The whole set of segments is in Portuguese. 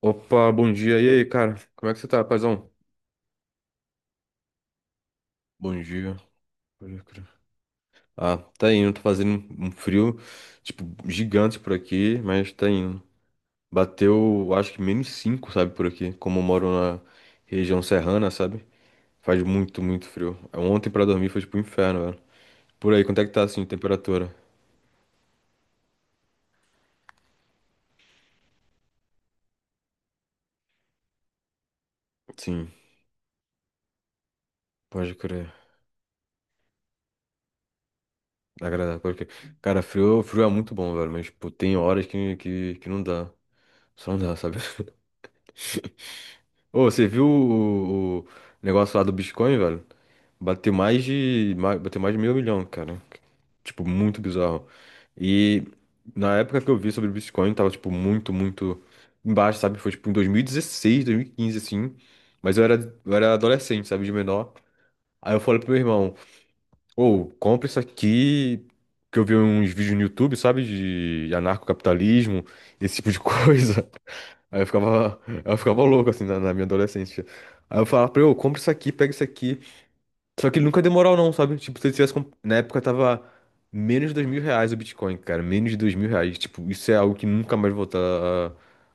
Opa, bom dia. E aí, cara? Como é que você tá, paizão? Bom dia. Pode crer. Ah, tá indo. Tá fazendo um frio, tipo, gigante por aqui, mas tá indo. Bateu, acho que menos 5, sabe, por aqui. Como eu moro na região serrana, sabe? Faz muito, muito frio. Ontem pra dormir foi tipo um inferno, velho. Por aí, quanto é que tá, assim, temperatura? Sim, pode crer. Agradável, pode crer. Cara, frio, frio é muito bom, velho, mas, tipo, tem horas que não dá. Só não dá, sabe? Ô, você viu o negócio lá do Bitcoin, velho? Bateu mais de meio milhão, cara. Tipo, muito bizarro. E na época que eu vi sobre o Bitcoin, tava, tipo, muito, muito embaixo, sabe? Foi, tipo, em dois mil e dezesseis, 2015, assim. Mas eu era adolescente, sabe? De menor. Aí eu falei pro meu irmão, ou compra isso aqui, que eu vi uns vídeos no YouTube, sabe? De anarcocapitalismo, esse tipo de coisa. Aí eu ficava louco, assim, na minha adolescência. Aí eu falava pra ele, ô, compra isso aqui, pega isso aqui. Só que ele nunca deu moral não, sabe? Tipo, se ele tivesse... Na época tava menos de R$ 2.000 o Bitcoin, cara. Menos de R$ 2.000. Tipo, isso é algo que nunca mais voltar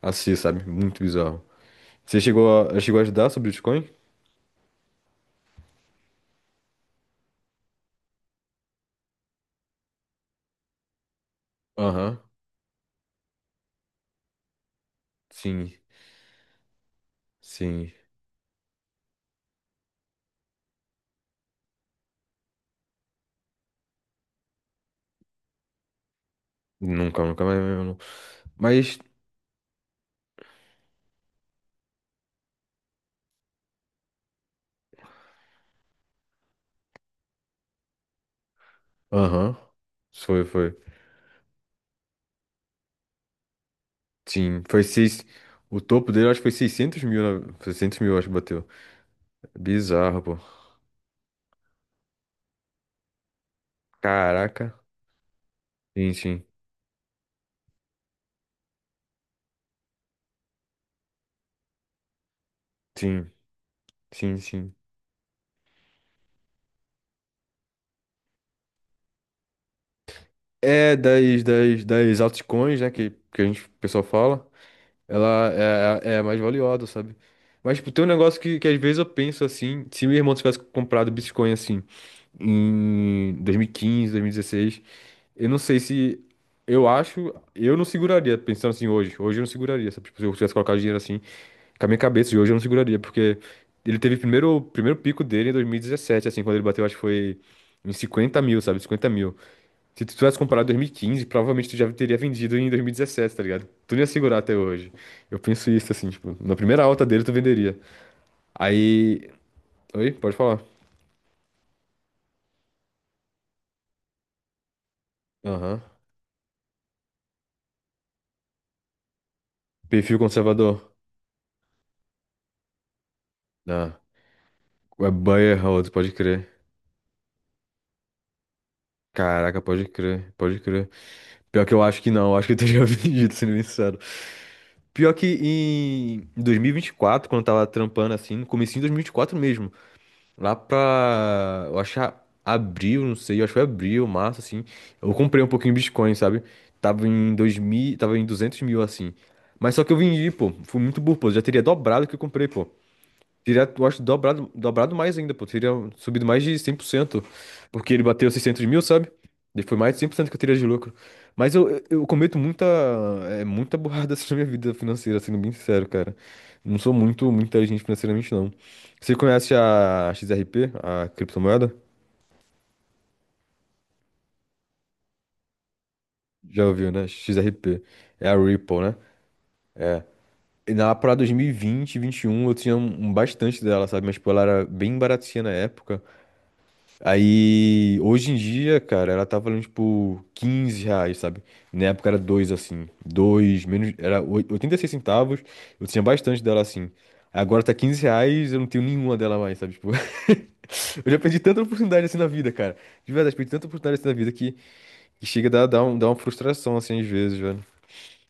a ser, sabe? Muito bizarro. Você chegou a estudar sobre Bitcoin? Aham. Sim, sim. Nunca, nunca mais mesmo. Não. Mas aham. Foi, foi. Sim, foi seis. O topo dele, eu acho que foi 600 mil, né? 600 mil, eu acho que bateu. Bizarro, pô. Caraca. Sim, sim. Sim, sim, sim. É das altcoins, né? Que a gente, o pessoal fala. Ela é a mais valiosa, sabe? Mas, tipo, tem um negócio que às vezes eu penso assim. Se meu irmão tivesse comprado Bitcoin assim em 2015, 2016. Eu não sei se. Eu acho. Eu não seguraria, pensando assim hoje. Hoje eu não seguraria, sabe? Tipo, se eu tivesse colocado dinheiro assim, com a minha cabeça de hoje eu não seguraria, porque ele teve o primeiro pico dele em 2017, assim, quando ele bateu, acho que foi em 50 mil, sabe? 50 mil. Se tu tivesse comprado em 2015, provavelmente tu já teria vendido em 2017, tá ligado? Tu não ia segurar até hoje. Eu penso isso, assim, tipo, na primeira alta dele tu venderia. Aí. Oi, pode falar. Aham. Perfil conservador. Ah, é buyer hold, pode crer. Caraca, pode crer, pode crer. Pior que eu acho que não, eu acho que eu teria vendido, sendo bem sincero. Pior que em 2024, quando eu tava trampando assim, no comecinho de 2024 mesmo, lá pra, eu acho que abril, não sei, eu acho que foi abril, março, assim, eu comprei um pouquinho de Bitcoin, sabe? Tava em 200 mil, assim. Mas só que eu vendi, pô, fui muito burro, pô, já teria dobrado o que eu comprei, pô. Teria, eu acho, dobrado, dobrado mais ainda, pô. Teria subido mais de 100%. Porque ele bateu 600 mil, sabe? E foi mais de 100% que eu teria de lucro. Mas eu cometo muita burrada assim, na minha vida financeira, sendo bem sincero, cara. Não sou muito, muito inteligente financeiramente, não. Você conhece a XRP, a criptomoeda? Já ouviu, né? XRP. É a Ripple, né? E na para 2020, 2021, eu tinha um bastante dela, sabe? Mas, tipo, ela era bem baratinha na época. Aí, hoje em dia, cara, ela tá valendo, tipo, R$ 15, sabe? Na época era dois assim. Dois menos. Era 86 centavos. Eu tinha bastante dela assim. Agora tá R$ 15, eu não tenho nenhuma dela mais, sabe? Tipo. Eu já perdi tanta oportunidade assim na vida, cara. De verdade, perdi tanta oportunidade assim na vida que chega a dar uma frustração, assim, às vezes, velho.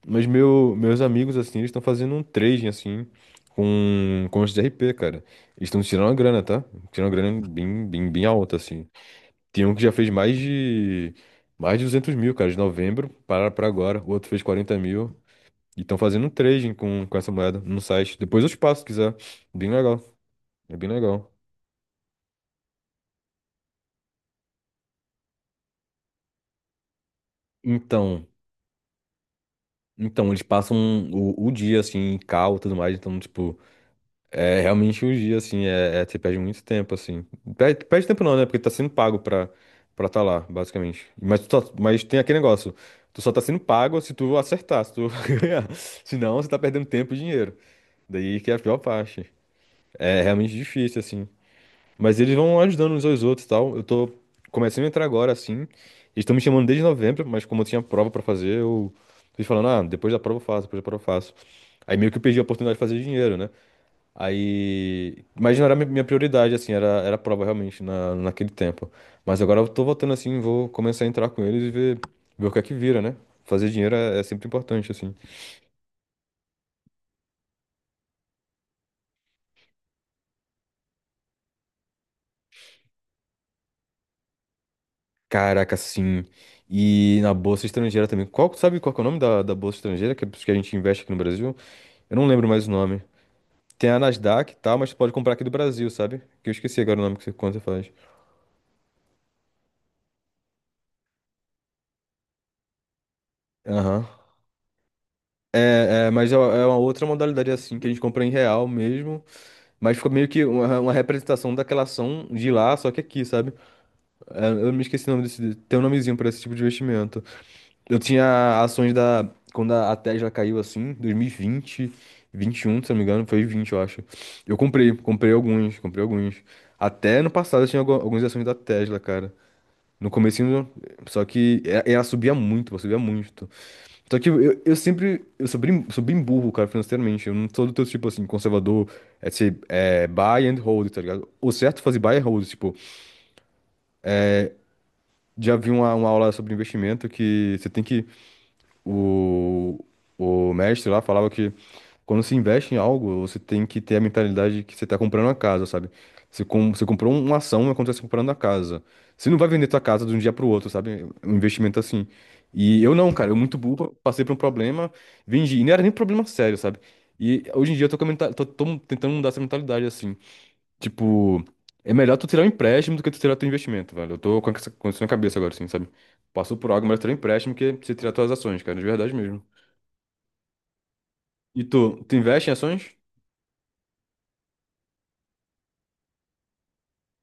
Meus amigos, assim, eles estão fazendo um trading, assim, com os RP, cara. Eles estão tirando uma grana, tá? Tirando uma grana bem, bem, bem alta, assim. Tem um que já fez mais de 200 mil, cara, de novembro para agora. O outro fez 40 mil. E estão fazendo um trading com essa moeda no site. Depois eu te passo, se quiser. Bem legal. É bem legal. Então, então eles passam o dia, assim, em cal e tudo mais. Então, tipo, é realmente o dia, assim, você perde muito tempo, assim. Perde, perde tempo não, né? Porque tá sendo pago pra tá lá, basicamente. Mas, mas tem aquele negócio. Tu só tá sendo pago se tu acertar, se tu ganhar. Senão, você tá perdendo tempo e dinheiro. Daí que é a pior parte. É realmente difícil, assim. Mas eles vão ajudando uns aos outros e tal. Eu tô começando a entrar agora, assim. Eles estão me chamando desde novembro, mas como eu tinha prova pra fazer, eu fui falando, ah, depois da prova eu faço, depois da prova eu faço. Aí meio que eu perdi a oportunidade de fazer dinheiro, né? Aí. Mas não era minha prioridade, assim, era a prova realmente naquele tempo. Mas agora eu tô voltando assim, vou começar a entrar com eles e ver, ver o que é que vira, né? Fazer dinheiro é sempre importante, assim. Caraca, sim. E na bolsa estrangeira também. Qual, sabe qual que é o nome da bolsa estrangeira que a gente investe aqui no Brasil? Eu não lembro mais o nome. Tem a Nasdaq e tal, mas tu pode comprar aqui do Brasil, sabe? Que eu esqueci agora o nome que você, quando você faz. Aham. É, mas é uma outra modalidade assim, que a gente compra em real mesmo, mas ficou meio que uma representação daquela ação de lá, só que aqui, sabe? É, eu me esqueci o nome desse, tem um nomezinho pra esse tipo de investimento. Eu tinha ações da. Quando a Tesla caiu assim, 2020, 21, se eu não me engano, foi 20, eu acho. Eu comprei alguns, comprei alguns. Até no passado eu tinha algumas ações da Tesla, cara. No comecinho, só que ela subia muito, ela subia muito. Só que eu sempre, eu sou bem burro, cara, financeiramente. Eu não sou do teu tipo, assim, conservador, é buy and hold, tá ligado? O certo é fazer buy and hold, tipo, já vi uma aula sobre investimento que você tem que. O, o mestre lá falava que quando se investe em algo, você tem que ter a mentalidade de que você está comprando uma casa, sabe? Você comprou uma ação, é quando você está comprando a casa. Você não vai vender tua casa de um dia para o outro, sabe? É um investimento assim. E eu não, cara, eu muito burro, passei por um problema, vendi. E não era nem problema sério, sabe? E hoje em dia eu tô, tô tentando mudar essa mentalidade, assim. Tipo, é melhor tu tirar um empréstimo do que tu tirar teu investimento, velho. Eu tô com isso na cabeça agora, assim, sabe? Passou por algo, melhor tirar um empréstimo que você tirar tuas ações, cara, de verdade mesmo. E tu investe em ações?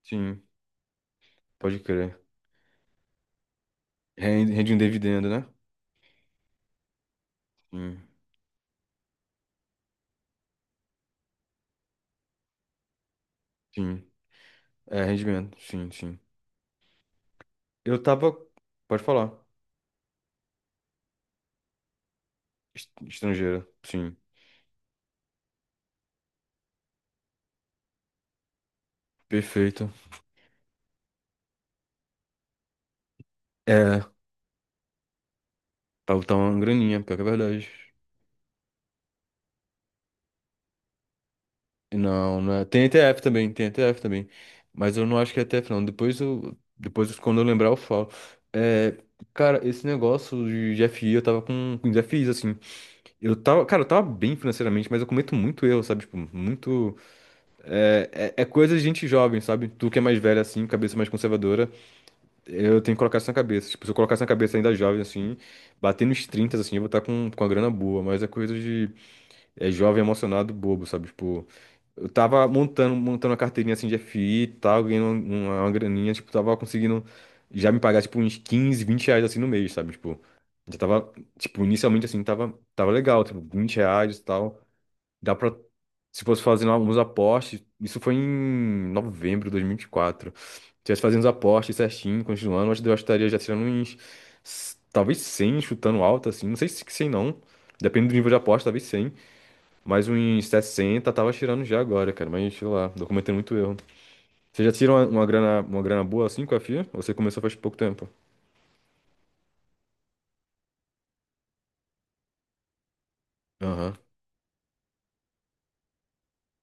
Sim, pode crer. Rende um dividendo, né? Sim, sim. É, rendimento, sim, sim. Eu tava. Pode falar. Estrangeira, sim. Perfeito. É, tá uma graninha, pior que é verdade. Não, não é. Tem ETF também, tem ETF também. Mas eu não acho que é ETF, não. Depois eu. Depois, quando eu lembrar, eu falo. É, cara, esse negócio de FI, eu tava com desafios, assim. Eu tava, cara, eu tava bem financeiramente, mas eu cometo muito erro, sabe? Tipo, muito. É coisa de gente jovem, sabe? Tu que é mais velha, assim, cabeça mais conservadora, eu tenho que colocar isso na cabeça. Tipo, se eu colocar isso na cabeça ainda jovem, assim, bater nos 30, assim, eu vou estar com a grana boa, mas é coisa de. É jovem emocionado, bobo, sabe? Tipo. Eu tava montando uma carteirinha assim de FI e tal, ganhando uma graninha, tipo, tava conseguindo já me pagar, tipo, uns 15, 20 reais assim no mês, sabe? Tipo, já tava, tipo, inicialmente assim, tava legal, tipo, R$ 20 e tal. Dá pra, se fosse fazendo alguns aportes, isso foi em novembro de 2024. Se tivesse fazendo os aportes certinho, continuando, acho que eu estaria já tirando uns, talvez 100, chutando alto, assim, não sei se 100 não, depende do nível de aposta, talvez 100. Mas um 60 tava tirando já agora, cara. Mas sei lá, tô cometendo muito erro. Você já tirou uma grana boa assim com a FIA? Ou você começou faz pouco tempo? Aham,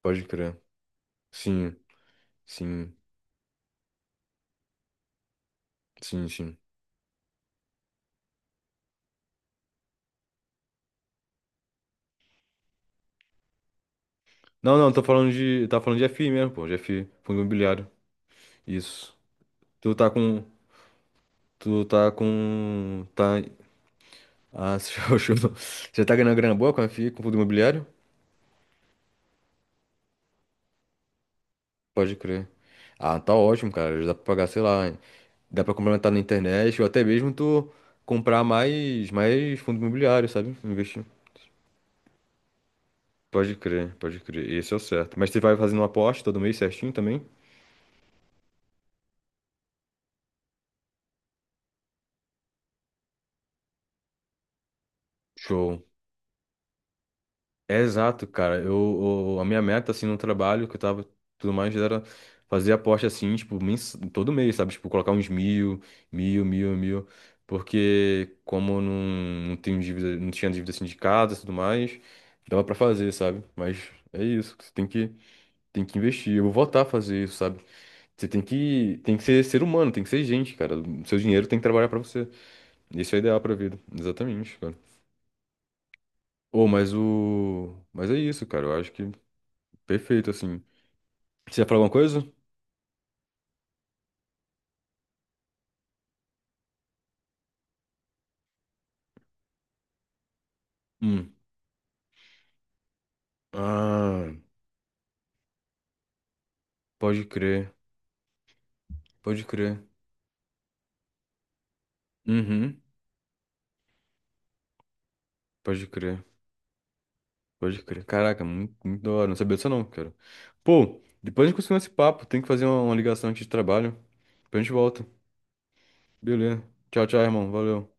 pode crer. Sim, sim, sim, sim. Não, não, tô falando de. Tá falando de FI mesmo, pô. De FI, fundo imobiliário. Isso. Tu tá com. Tu tá com. Tá. Ah, você tá ganhando grana boa com a FI, com fundo imobiliário? Pode crer. Ah, tá ótimo, cara. Já dá pra pagar, sei lá. Dá pra complementar na internet ou até mesmo tu comprar mais fundo imobiliário, sabe? Investir. Pode crer, pode crer. Esse é o certo. Mas você vai fazendo uma aposta todo mês certinho também? Show. É exato, cara. A minha meta, assim, no trabalho que eu tava tudo mais era fazer aposta, assim, tipo, todo mês, sabe? Tipo, colocar uns mil, mil, mil, mil. Porque como eu não tenho dívida, não tinha dívida sindicada e tudo mais, dava pra fazer, sabe? Mas é isso. Você tem que. Tem que investir. Eu vou voltar a fazer isso, sabe? Você tem que ser humano, tem que ser gente, cara. O seu dinheiro tem que trabalhar pra você. Isso é ideal pra vida. Exatamente, cara. Ô, mas o. Mas é isso, cara. Eu acho que perfeito, assim. Você ia falar alguma coisa? Hum. Ah, pode crer. Pode crer. Uhum. Pode crer. Pode crer. Caraca, muito, muito da hora. Não sabia disso, não, cara. Pô, depois a gente continua esse papo. Tem que fazer uma ligação aqui de trabalho. Depois a gente volta. Beleza. Tchau, tchau, irmão. Valeu.